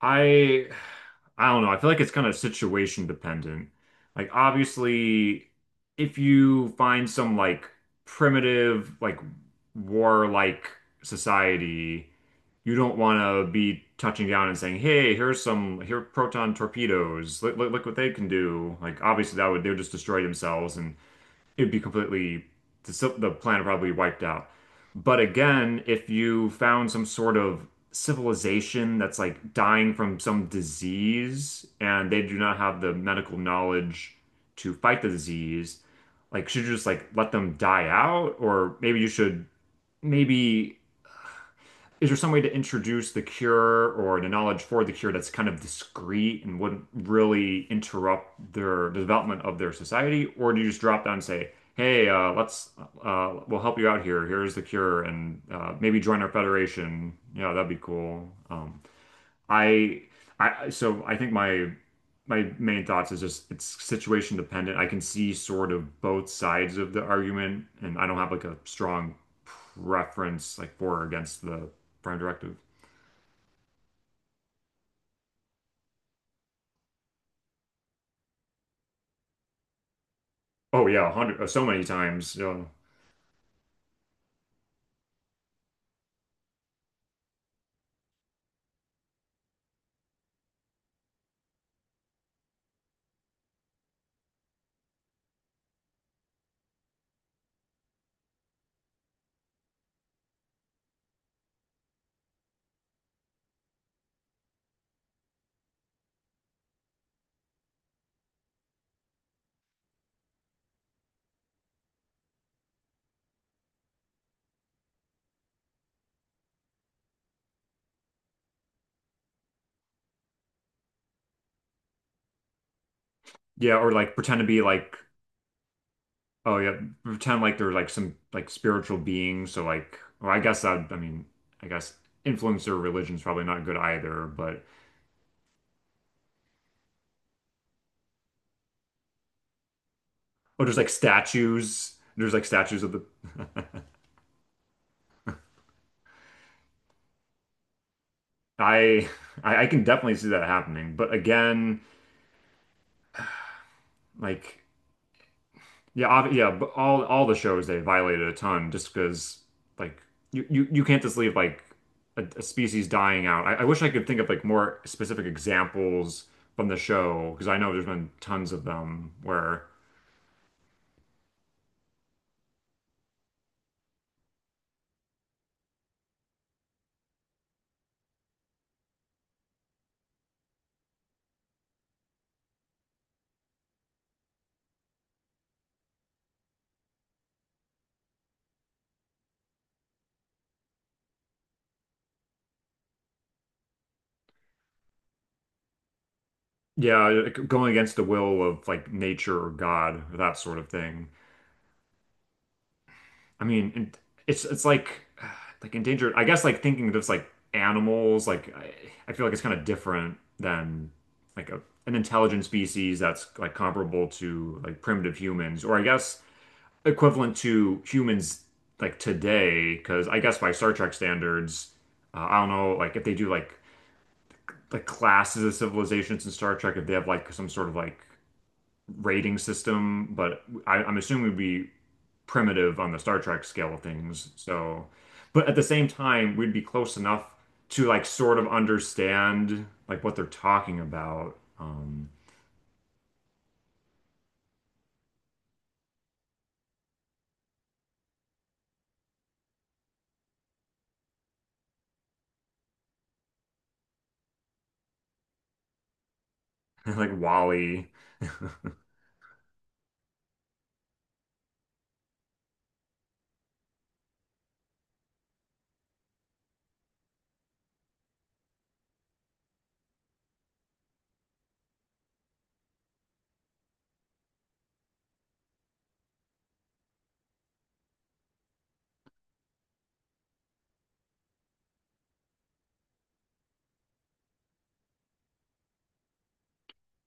I I don't know. I feel like it's kind of situation dependent. Like obviously if you find some like primitive like warlike society, you don't want to be touching down and saying, "Hey, here are proton torpedoes. Look, look, look what they can do." Like obviously that would they would just destroy themselves, and it would be completely the, the planet probably wiped out. But again, if you found some sort of civilization that's like dying from some disease and they do not have the medical knowledge to fight the disease, like should you just like let them die out? Or maybe you should maybe is there some way to introduce the cure or the knowledge for the cure that's kind of discreet and wouldn't really interrupt the development of their society? Or do you just drop down and say, hey, let's we'll help you out here. Here's the cure, and maybe join our federation. Yeah, that'd be cool. I, so I think my main thoughts is just it's situation dependent. I can see sort of both sides of the argument, and I don't have like a strong preference, like for or against the Prime Directive. Oh yeah, a hundred, so many times. Yeah, yeah, or like pretend to be like, oh yeah, pretend like they're like some like spiritual beings. So like, well, I guess that I mean, I guess influencer religion's probably not good either, but. Oh, there's like statues. There's like statues of the I I can definitely see that happening. But again, like yeah, ob yeah, but all the shows they violated a ton just because like you can't just leave like a species dying out. I wish I could think of like more specific examples from the show because I know there's been tons of them where yeah, like going against the will of like nature or God or that sort of thing. I mean, and it's like like endangered. I guess like thinking of this like animals, I feel like it's kind of different than like a, an intelligent species that's like comparable to like primitive humans, or I guess equivalent to humans like today. Because I guess by Star Trek standards, I don't know like if they do like the classes of civilizations in Star Trek, if they have like some sort of like rating system, but I'm assuming we'd be primitive on the Star Trek scale of things. So, but at the same time, we'd be close enough to like sort of understand like what they're talking about. Like Wally.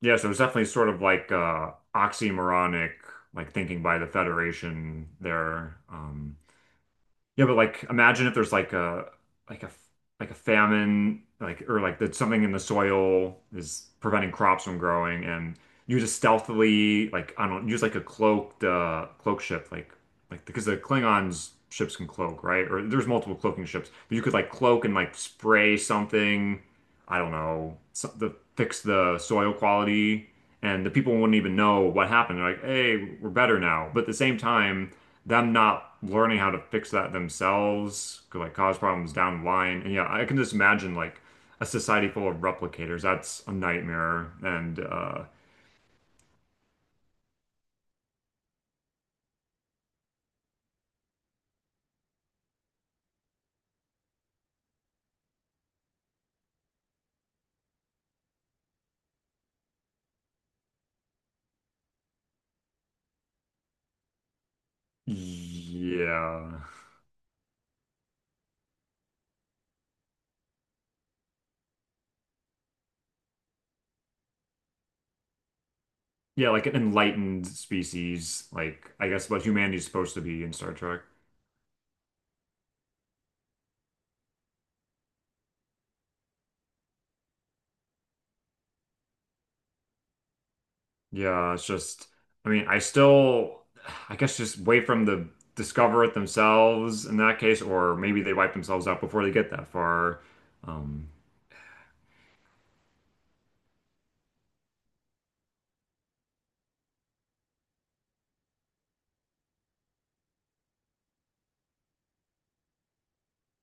Yeah, so it's definitely sort of like oxymoronic, like thinking by the Federation there. Yeah, but like imagine if there's like a like a famine, like or like that something in the soil is preventing crops from growing, and you just stealthily like I don't use like a cloaked cloak ship, like because the Klingons ships can cloak, right? Or there's multiple cloaking ships, but you could like cloak and like spray something, I don't know, so, the fix the soil quality, and the people wouldn't even know what happened. They're like, hey, we're better now, but at the same time them not learning how to fix that themselves could like cause problems down the line. And yeah, I can just imagine like a society full of replicators. That's a nightmare. And yeah. Yeah, like an enlightened species, like I guess what humanity's supposed to be in Star Trek. Yeah, it's just I mean, I still I guess just wait from the discover it themselves in that case, or maybe they wipe themselves out before they get that far. Um,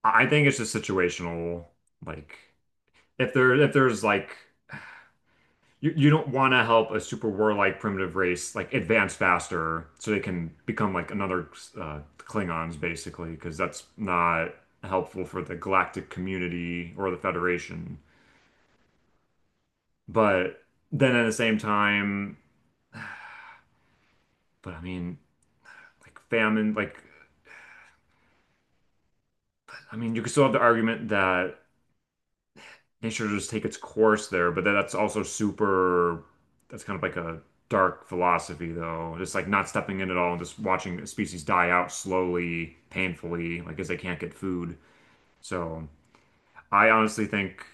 I think it's just situational. Like if there's like you don't want to help a super warlike primitive race like advance faster so they can become like another Klingons basically because that's not helpful for the galactic community or the Federation. But then at the same time, but I mean like famine like I mean you could still have the argument that nature just take its course there, but then that's also super, that's kind of like a dark philosophy though. Just like not stepping in at all and just watching species die out slowly, painfully, like as they can't get food. So I honestly think,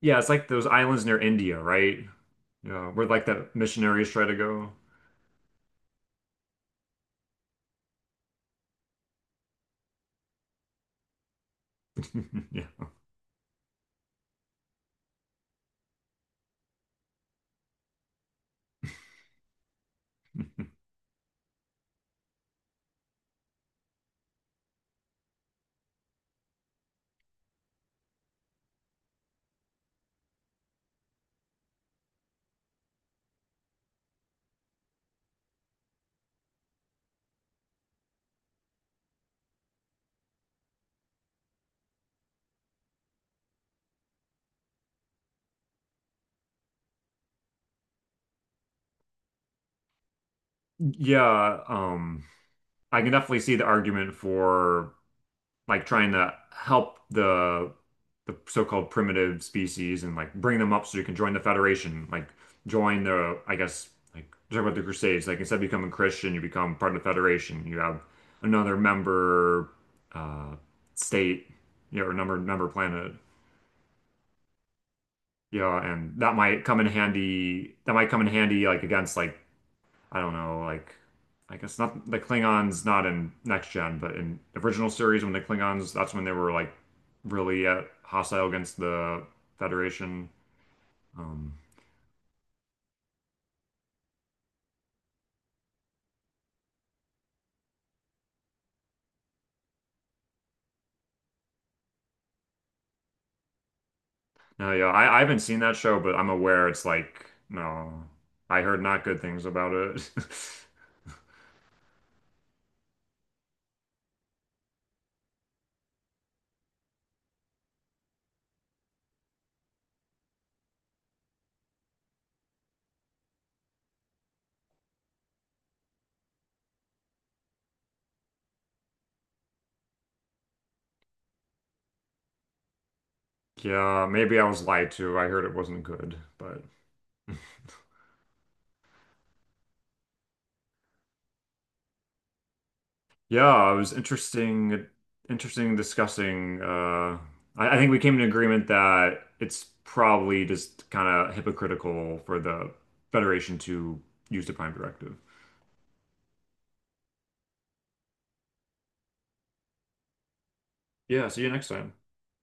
yeah, it's like those islands near India, right? Yeah, where like the missionaries try to go. Yeah. Yeah, I can definitely see the argument for like trying to help the so-called primitive species and like bring them up so you can join the Federation, like join the, I guess, like talk about the Crusades. Like instead of becoming Christian, you become part of the Federation. You have another member uh, state, you know, or number member planet. Yeah, and that might come in handy. That might come in handy like against like I don't know, like I guess not the Klingons not in next gen, but in the original series when the Klingons that's when they were like really hostile against the Federation. Um, no, yeah, I haven't seen that show, but I'm aware it's like no, I heard not good things about it. Yeah, maybe I was lied to. I heard it wasn't good, but yeah, it was interesting, interesting discussing. I think we came to an agreement that it's probably just kind of hypocritical for the Federation to use the Prime Directive. Yeah, see you next time.